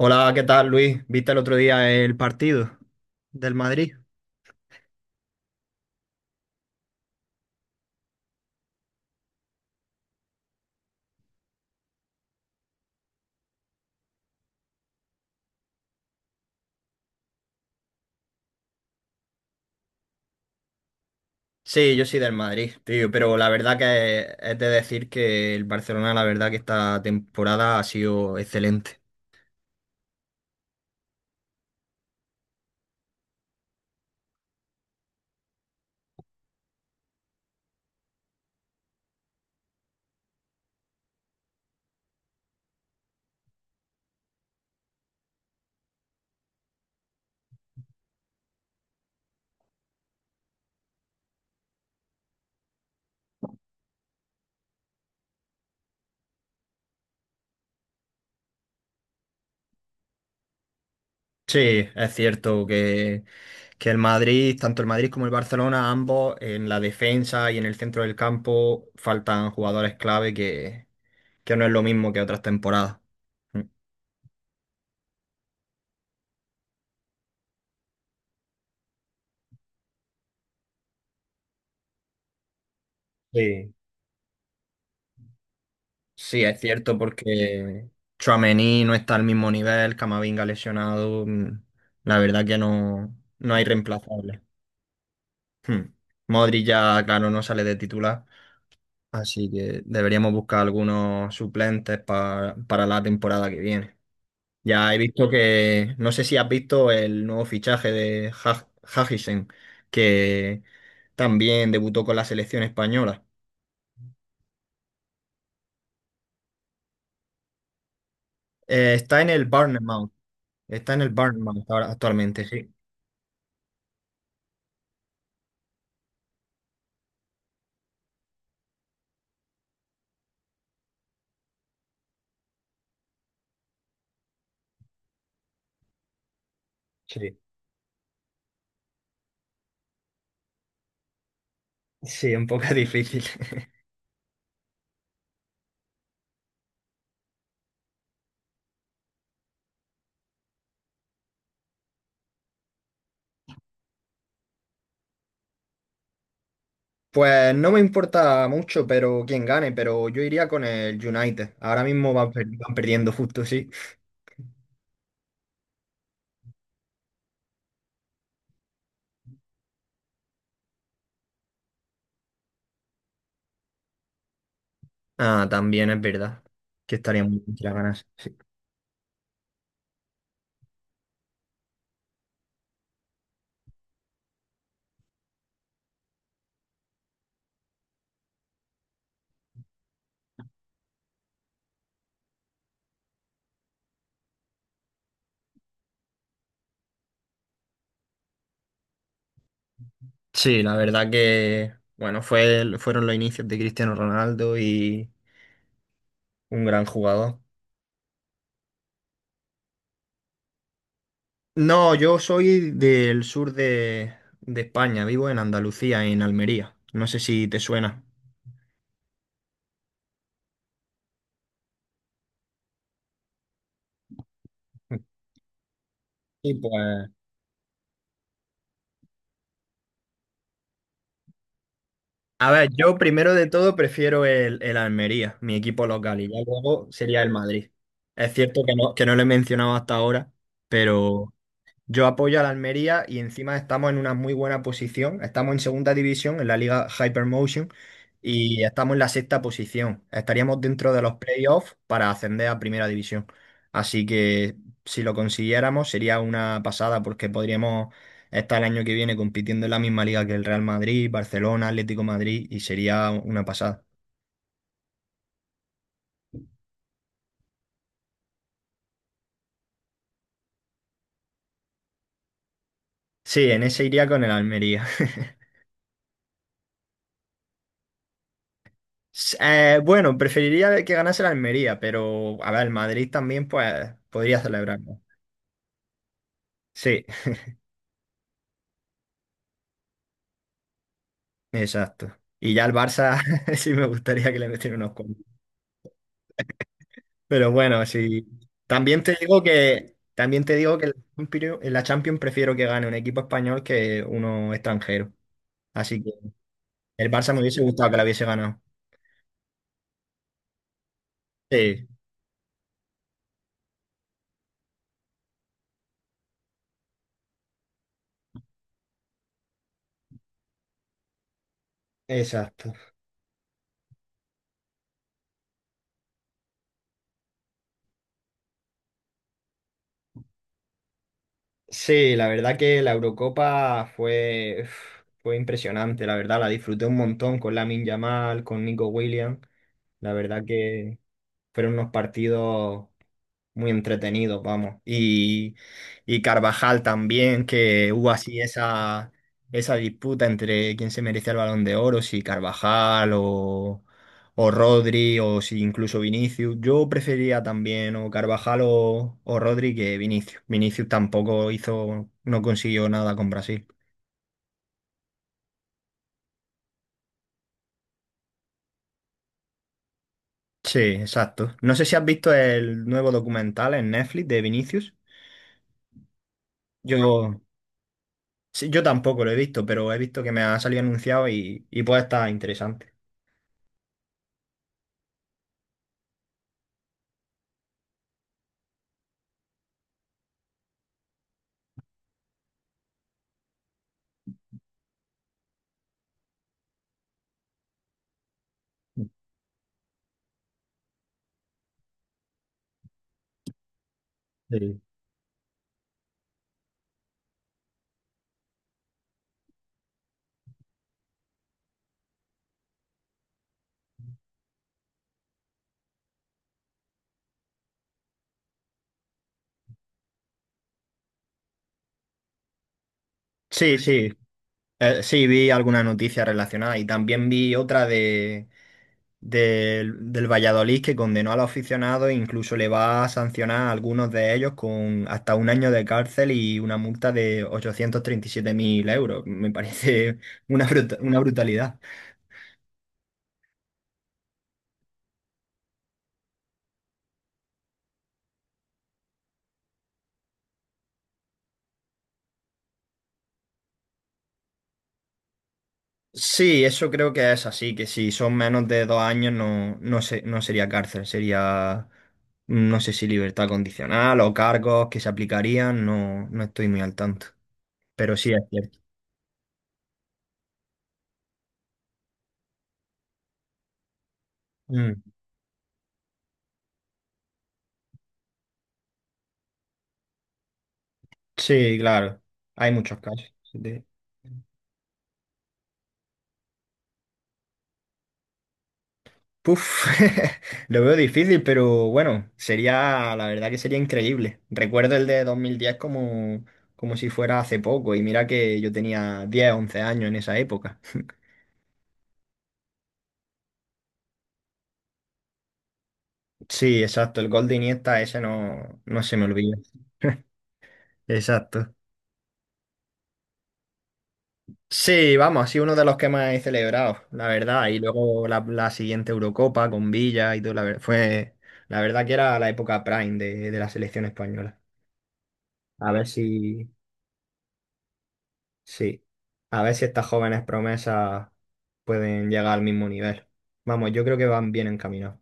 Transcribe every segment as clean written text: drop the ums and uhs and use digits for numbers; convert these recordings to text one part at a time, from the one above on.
Hola, ¿qué tal, Luis? ¿Viste el otro día el partido del Madrid? Sí, yo soy del Madrid, tío, pero la verdad que es de decir que el Barcelona, la verdad que esta temporada ha sido excelente. Sí, es cierto que el Madrid, tanto el Madrid como el Barcelona, ambos en la defensa y en el centro del campo faltan jugadores clave que no es lo mismo que otras temporadas. Mm. Sí. Sí, es cierto porque Tchouaméni no está al mismo nivel, Camavinga lesionado, la verdad que no, no hay reemplazable. Hmm. Modric ya, claro, no sale de titular, así que deberíamos buscar algunos suplentes para la temporada que viene. Ya he visto que, no sé si has visto el nuevo fichaje de Hutchison, que también debutó con la selección española. Está en el Bournemouth, actualmente, sí. Sí, sí, un poco difícil. Pues no me importa mucho, pero quién gane, pero yo iría con el United. Ahora mismo van perdiendo justo, sí. Ah, también es verdad que estaría muy bien que la ganase, sí. Sí, la verdad que, bueno, fueron los inicios de Cristiano Ronaldo y un gran jugador. No, yo soy del sur de España, vivo en Andalucía, en Almería. No sé si te suena. Sí, pues. A ver, yo primero de todo prefiero el Almería, mi equipo local, y ya luego sería el Madrid. Es cierto que no lo he mencionado hasta ahora, pero yo apoyo a la Almería y encima estamos en una muy buena posición. Estamos en segunda división, en la liga Hypermotion, y estamos en la sexta posición. Estaríamos dentro de los playoffs para ascender a primera división. Así que si lo consiguiéramos sería una pasada porque podríamos estar el año que viene compitiendo en la misma liga que el Real Madrid, Barcelona, Atlético Madrid, y sería una pasada. Sí, en ese iría con el Almería. Bueno, preferiría que ganase el Almería, pero a ver, el Madrid también pues podría celebrar. Sí, exacto. Y ya el Barça sí me gustaría que le metieran unos cuantos. Pero bueno, sí. También te digo que en la Champions prefiero que gane un equipo español que uno extranjero. Así que el Barça me hubiese gustado que la hubiese ganado. Sí, exacto. Sí, la verdad que la Eurocopa fue impresionante, la verdad, la disfruté un montón con Lamin Yamal, con Nico Williams. La verdad que fueron unos partidos muy entretenidos, vamos. Y Carvajal también, que hubo así esa disputa entre quién se merecía el Balón de Oro, si Carvajal o Rodri o si incluso Vinicius. Yo prefería también o Carvajal o Rodri que Vinicius. Vinicius tampoco no consiguió nada con Brasil. Sí, exacto. No sé si has visto el nuevo documental en Netflix de Vinicius. Yo, Sí, yo tampoco lo he visto, pero he visto que me ha salido anunciado y puede estar interesante. Sí. Sí, sí, sí, vi alguna noticia relacionada y también vi otra de, del del Valladolid que condenó a los aficionados e incluso le va a sancionar a algunos de ellos con hasta un año de cárcel y una multa de 837.000 euros. Me parece una brutalidad. Sí, eso creo que es así, que si son menos de 2 años no, no, no sería cárcel, sería, no sé si libertad condicional o cargos que se aplicarían, no, no estoy muy al tanto, pero sí es cierto. Mm. Sí, claro, hay muchos casos Puf, lo veo difícil, pero bueno, sería, la verdad que sería increíble. Recuerdo el de 2010 como si fuera hace poco, y mira que yo tenía 10 11 años en esa época. Sí, exacto, el gol de Iniesta ese no, no se me olvida. Exacto. Sí, vamos, ha sido uno de los que más he celebrado, la verdad. Y luego la siguiente Eurocopa con Villa y todo, la verdad que era la época prime de la selección española. A ver si, sí, a ver si estas jóvenes promesas pueden llegar al mismo nivel. Vamos, yo creo que van bien encaminados.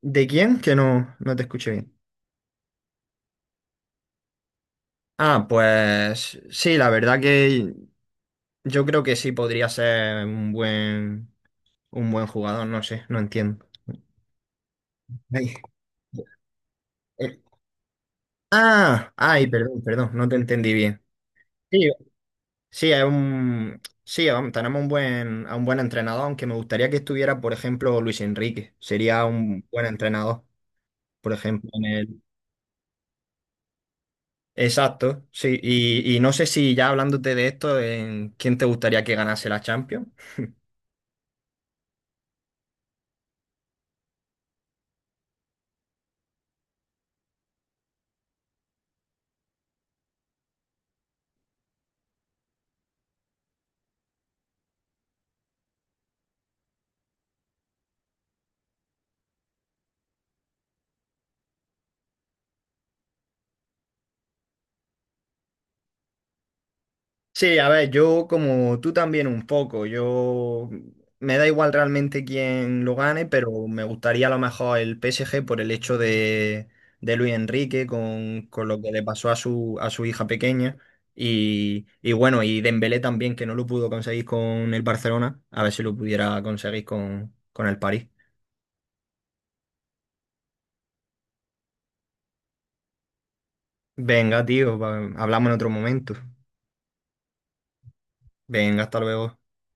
¿De quién? Que no, no te escuché bien. Ah, pues sí, la verdad que yo creo que sí podría ser un buen jugador, no sé, no entiendo. Ay, eh, ah, ay, perdón, perdón, no te entendí bien. Sí, sí, sí, vamos, tenemos a un buen entrenador, aunque me gustaría que estuviera, por ejemplo, Luis Enrique. Sería un buen entrenador, por ejemplo, en el... Exacto, sí. Y no sé si ya hablándote de esto, ¿en quién te gustaría que ganase la Champions? Sí, a ver, yo como tú también un poco, yo me da igual realmente quién lo gane, pero me gustaría a lo mejor el PSG por el hecho de Luis Enrique con lo que le pasó a su hija pequeña y bueno, y Dembélé también que no lo pudo conseguir con el Barcelona, a ver si lo pudiera conseguir con el París. Venga, tío, hablamos en otro momento. Venga, hasta luego.